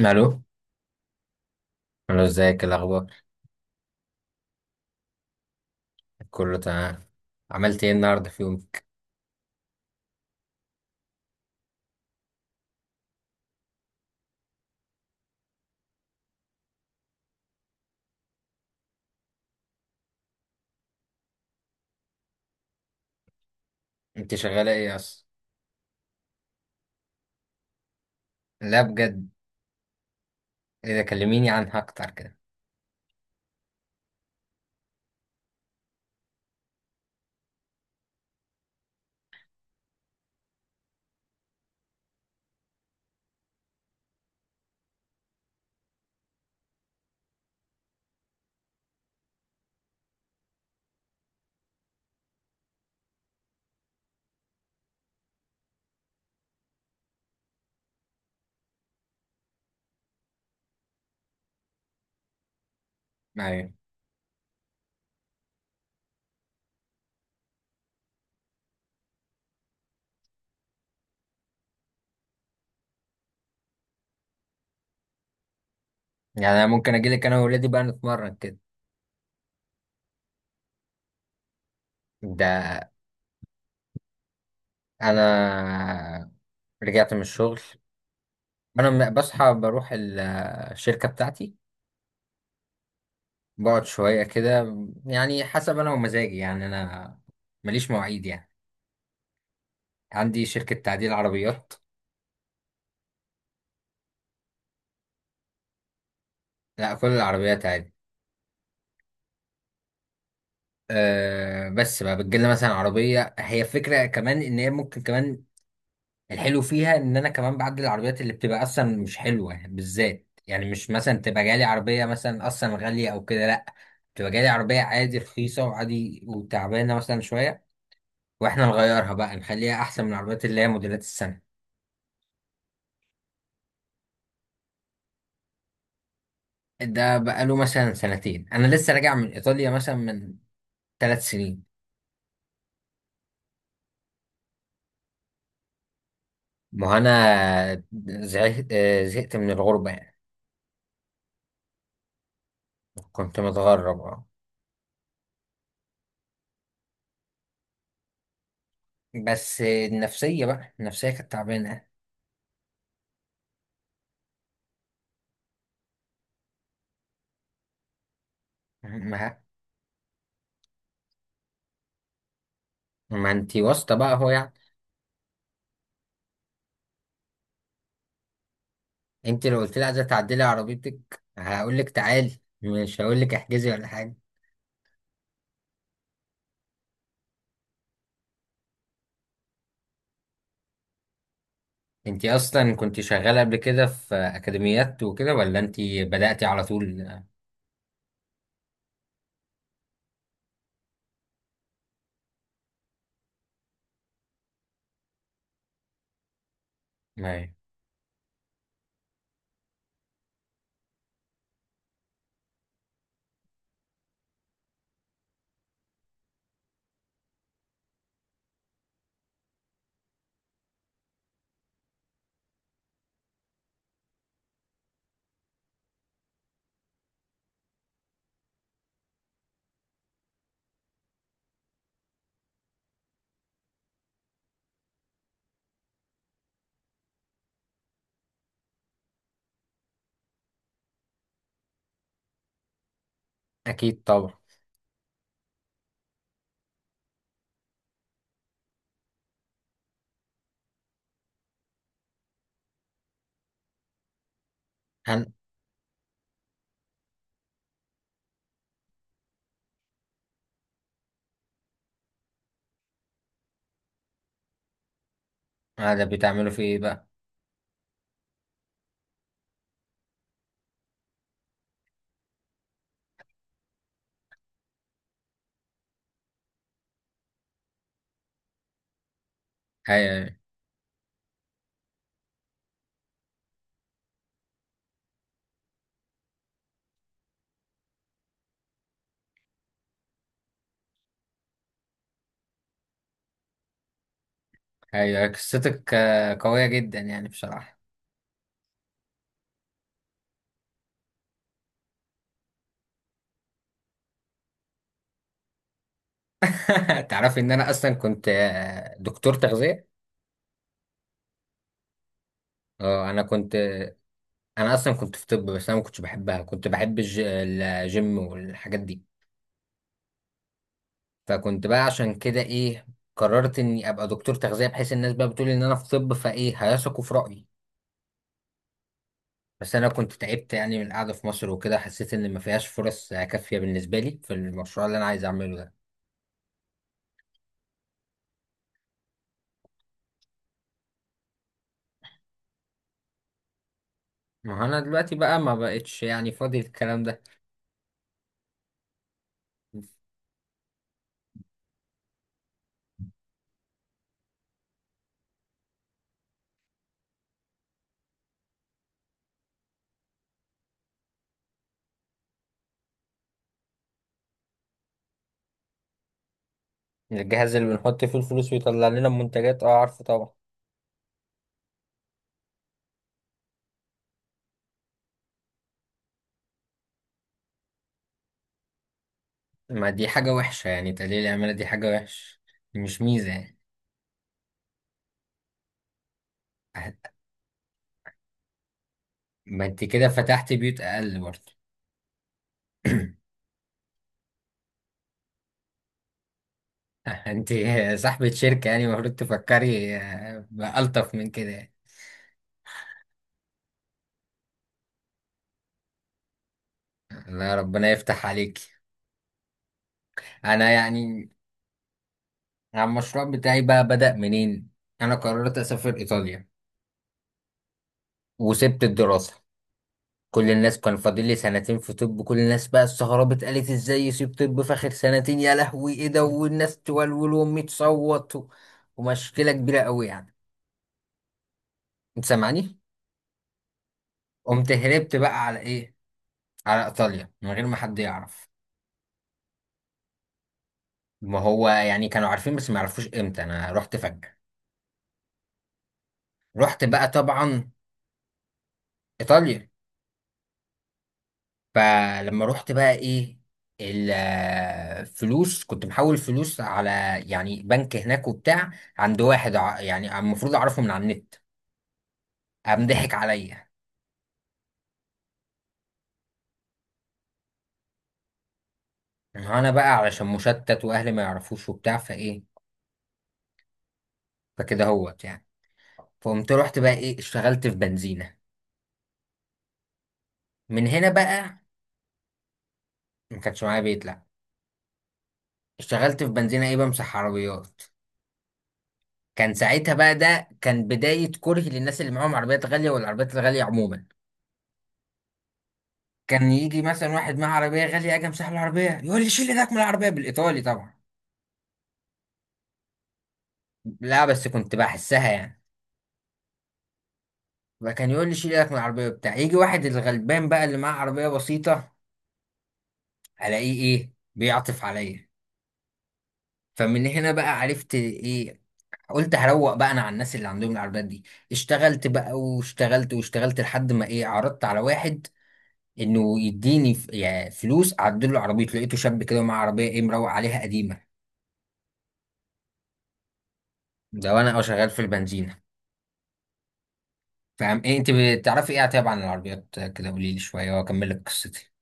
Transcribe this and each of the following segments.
الو. الو، ازيك الاخبار؟ كله تمام. عملت ايه النهارده في يومك؟ انت شغاله ايه اصلا؟ لا بجد؟ اذا كلميني عنها اكتر كده. ايوه. يعني انا ممكن اجيلك انا وولادي بقى نتمرن كده. ده انا رجعت من الشغل. بصحى بروح الشركه بتاعتي. بقعد شويه كده، يعني حسب انا ومزاجي، يعني انا ماليش مواعيد يعني. عندي شركه تعديل عربيات. لا كل العربيات. آه بس بقى بتجيلنا مثلا عربية، هي فكرة كمان ان هي ممكن كمان، الحلو فيها ان انا كمان بعدل العربيات اللي بتبقى اصلا مش حلوة بالذات، يعني مش مثلا تبقى جالي عربية مثلا اصلا غالية او كده، لا، تبقى جالي عربية عادي رخيصة وعادي وتعبانة مثلا شوية، واحنا نغيرها بقى نخليها احسن من العربيات اللي هي موديلات السنة. ده بقاله مثلا سنتين، انا لسه راجع من ايطاليا مثلا من 3 سنين. ما هو انا زهقت، زهقت من الغربة يعني. كنت متغرب. بس النفسية بقى، النفسية كانت تعبانة. ما انتي واسطة بقى اهو يعني. انت لو قلت لي عايزة تعدلي عربيتك هقول لك تعالي، مش هقول لك احجزي ولا حاجة. انتي اصلا كنت شغالة قبل كده في اكاديميات وكده، ولا انتي بدأتي على طول؟ ما اكيد طبعا. هن، هذا بتعملوا في ايه بقى؟ هي قصتك قوية جدا يعني بصراحة. تعرفي ان انا اصلا كنت، دكتور تغذية. اه انا كنت. انا اصلا كنت في طب، بس انا ما كنتش بحبها، كنت بحب الجيم والحاجات دي. فكنت بقى عشان كده ايه، قررت اني ابقى دكتور تغذية، بحيث الناس بقى بتقول ان انا في طب فايه هيثقوا في رأيي. بس انا كنت تعبت يعني من القعدة في مصر وكده، حسيت ان ما فيهاش فرص كافية بالنسبة لي في المشروع اللي انا عايز اعمله ده. ما هو انا دلوقتي بقى ما بقتش يعني فاضي الكلام ده. الجهاز اللي بنحط فيه الفلوس ويطلع لنا المنتجات، اه عارفه طبعا. ما دي حاجة وحشة يعني، تقليل العمالة دي حاجة وحشة. دي مش ميزة يعني. ما انت كده فتحت بيوت اقل برضه. انت صاحبة شركة، يعني المفروض تفكري، بألطف من كده يعني. لا ربنا يفتح عليك. انا يعني، على المشروع بتاعي بقى بدأ منين؟ انا قررت اسافر ايطاليا وسبت الدراسة. كل الناس كان فاضل لي سنتين في طب، كل الناس بقى استغربت، قالت ازاي يسيب طب في اخر سنتين؟ يا لهوي ايه ده، والناس تولول، وامي تصوت و، ومشكلة كبيرة قوي يعني. انت سامعني؟ قمت هربت بقى على ايه، على ايطاليا، من غير ما حد يعرف. ما هو يعني كانوا عارفين، بس ما يعرفوش امتى، انا رحت فجأة. رحت بقى طبعا ايطاليا. فلما رحت بقى ايه، الفلوس كنت محول فلوس على، يعني بنك هناك وبتاع، عند واحد يعني المفروض اعرفه من على النت. قام ضحك عليا. انا بقى علشان مشتت، واهلي ما يعرفوش وبتاع فايه، فكده هوت يعني. فقمت رحت بقى ايه، اشتغلت في بنزينة، من هنا بقى. ما كانش معايا بيت، لا. اشتغلت في بنزينة ايه، بمسح عربيات. كان ساعتها بقى، ده كان بداية كرهي للناس اللي معاهم عربيات غالية، والعربيات الغالية عموما. كان يجي مثلا واحد معاه عربية غالية، أجي أمسح له العربية، يقول لي شيل إيدك من العربية، بالإيطالي طبعا. لا بس كنت بحسها يعني. فكان يقول لي شيل إيدك من العربية بتاع يجي واحد الغلبان بقى اللي معاه عربية بسيطة، ألاقيه إيه، بيعطف عليا. فمن هنا بقى عرفت إيه، قلت هروق بقى أنا على الناس اللي عندهم العربيات دي. اشتغلت بقى واشتغلت واشتغلت لحد ما إيه، عرضت على واحد انه يديني يعني فلوس اعدل له عربيته، لقيته شاب كده ومعاه عربيه ايه، مروق عليها قديمه. ده وانا اه شغال في البنزينه. فاهم ايه، انت بتعرفي ايه طيب عن العربيات كده؟ قولي لي شويه واكمل لك قصتي.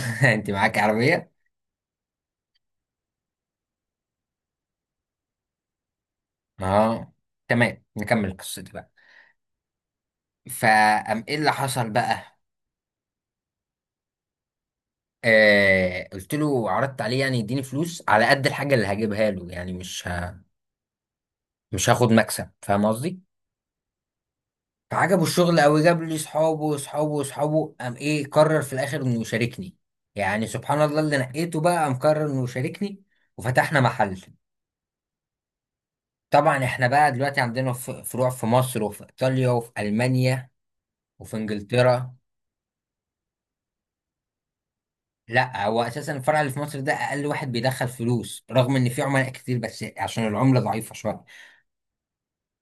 انت معاكي عربيه؟ اه تمام نكمل قصتي بقى. فقام ايه اللي حصل بقى، آه قلت له، عرضت عليه يعني يديني فلوس على قد الحاجه اللي هجيبها له، يعني مش هاخد مكسب، فاهم قصدي. فعجبه الشغل قوي، جاب لي صحابه وصحابه وصحابه، قام ايه قرر في الاخر انه يشاركني. يعني سبحان الله، اللي نقيته بقى قام قرر انه يشاركني، وفتحنا محل. طبعا احنا بقى دلوقتي عندنا فروع في مصر وفي ايطاليا وفي المانيا وفي انجلترا. لا هو اساسا الفرع اللي في مصر ده اقل واحد بيدخل فلوس، رغم ان في عملاء كتير، بس عشان العملة ضعيفة شوية.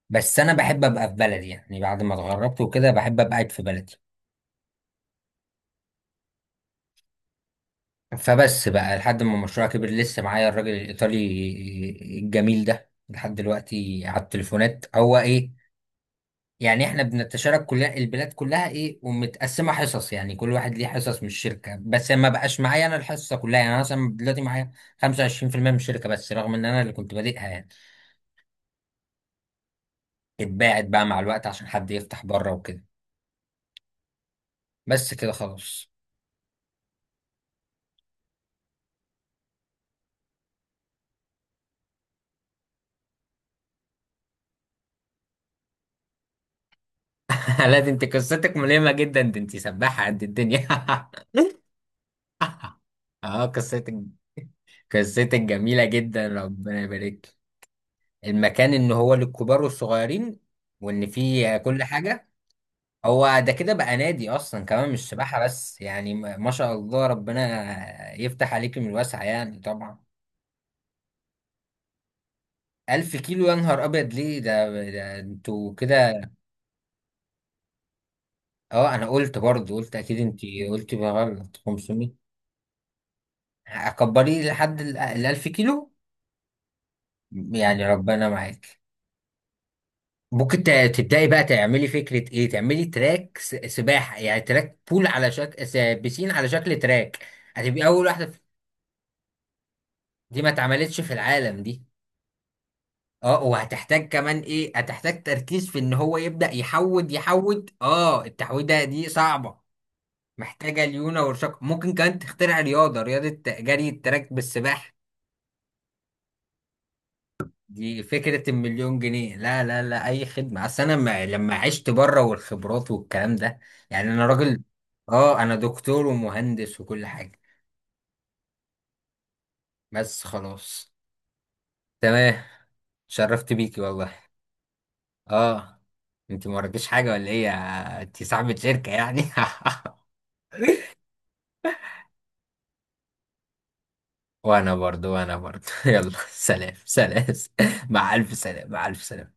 بس انا بحب ابقى في بلدي، يعني بعد ما اتغربت وكده بحب ابقى قاعد في بلدي. فبس بقى لحد ما المشروع كبر، لسه معايا الراجل الإيطالي الجميل ده لحد دلوقتي على التليفونات، هو إيه، يعني إحنا بنتشارك كلها، البلاد كلها إيه، ومتقسمة حصص، يعني كل واحد ليه حصص من الشركة، بس ما بقاش معايا أنا الحصة كلها، يعني أنا مثلا دلوقتي معايا 25% من الشركة بس، رغم إن أنا اللي كنت بادئها يعني. اتباعت بقى مع الوقت عشان حد يفتح بره وكده. بس كده خلاص. لا دي انت قصتك ملهمة جدا، دي انت سباحة قد الدنيا. اه قصتك، قصتك جميلة جدا، ربنا يبارك. المكان ان هو للكبار والصغيرين، وان فيه كل حاجة. هو ده كده بقى نادي اصلا كمان، مش سباحة بس يعني، ما ما شاء الله، ربنا يفتح عليك من الواسع يعني طبعا. 1000 كيلو؟ يا نهار أبيض، ليه ده, ده انتوا كده. اه أنا قلت برضه، قلت أكيد انتي قلتي بغلط 500. أكبريه لحد ال 1000 كيلو، يعني ربنا معاك. ممكن تبدأي بقى تعملي فكرة ايه، تعملي تراك سباحة، يعني تراك بول على شكل بسين على شكل تراك. هتبقي اول واحدة في- دي ما اتعملتش في العالم دي. اه، وهتحتاج كمان ايه، هتحتاج تركيز في ان هو يبدأ يحود يحود، اه التحويدة دي صعبة. محتاجة ليونة ورشاقة. ممكن كمان تخترع رياضة، رياضة جري التراك بالسباحة. دي فكرة المليون جنيه. لا لا لا، أي خدمة، أصل أنا ما لما عشت بره والخبرات والكلام ده، يعني أنا راجل، أه أنا دكتور ومهندس وكل حاجة. بس خلاص. تمام. شرفت بيكي والله. أه. أنت ما وراكيش حاجة ولا إيه يا-، أنت صاحبة شركة يعني. وأنا برضو، وأنا برضو. يلا سلام سلام. مع ألف سلام، مع ألف سلام.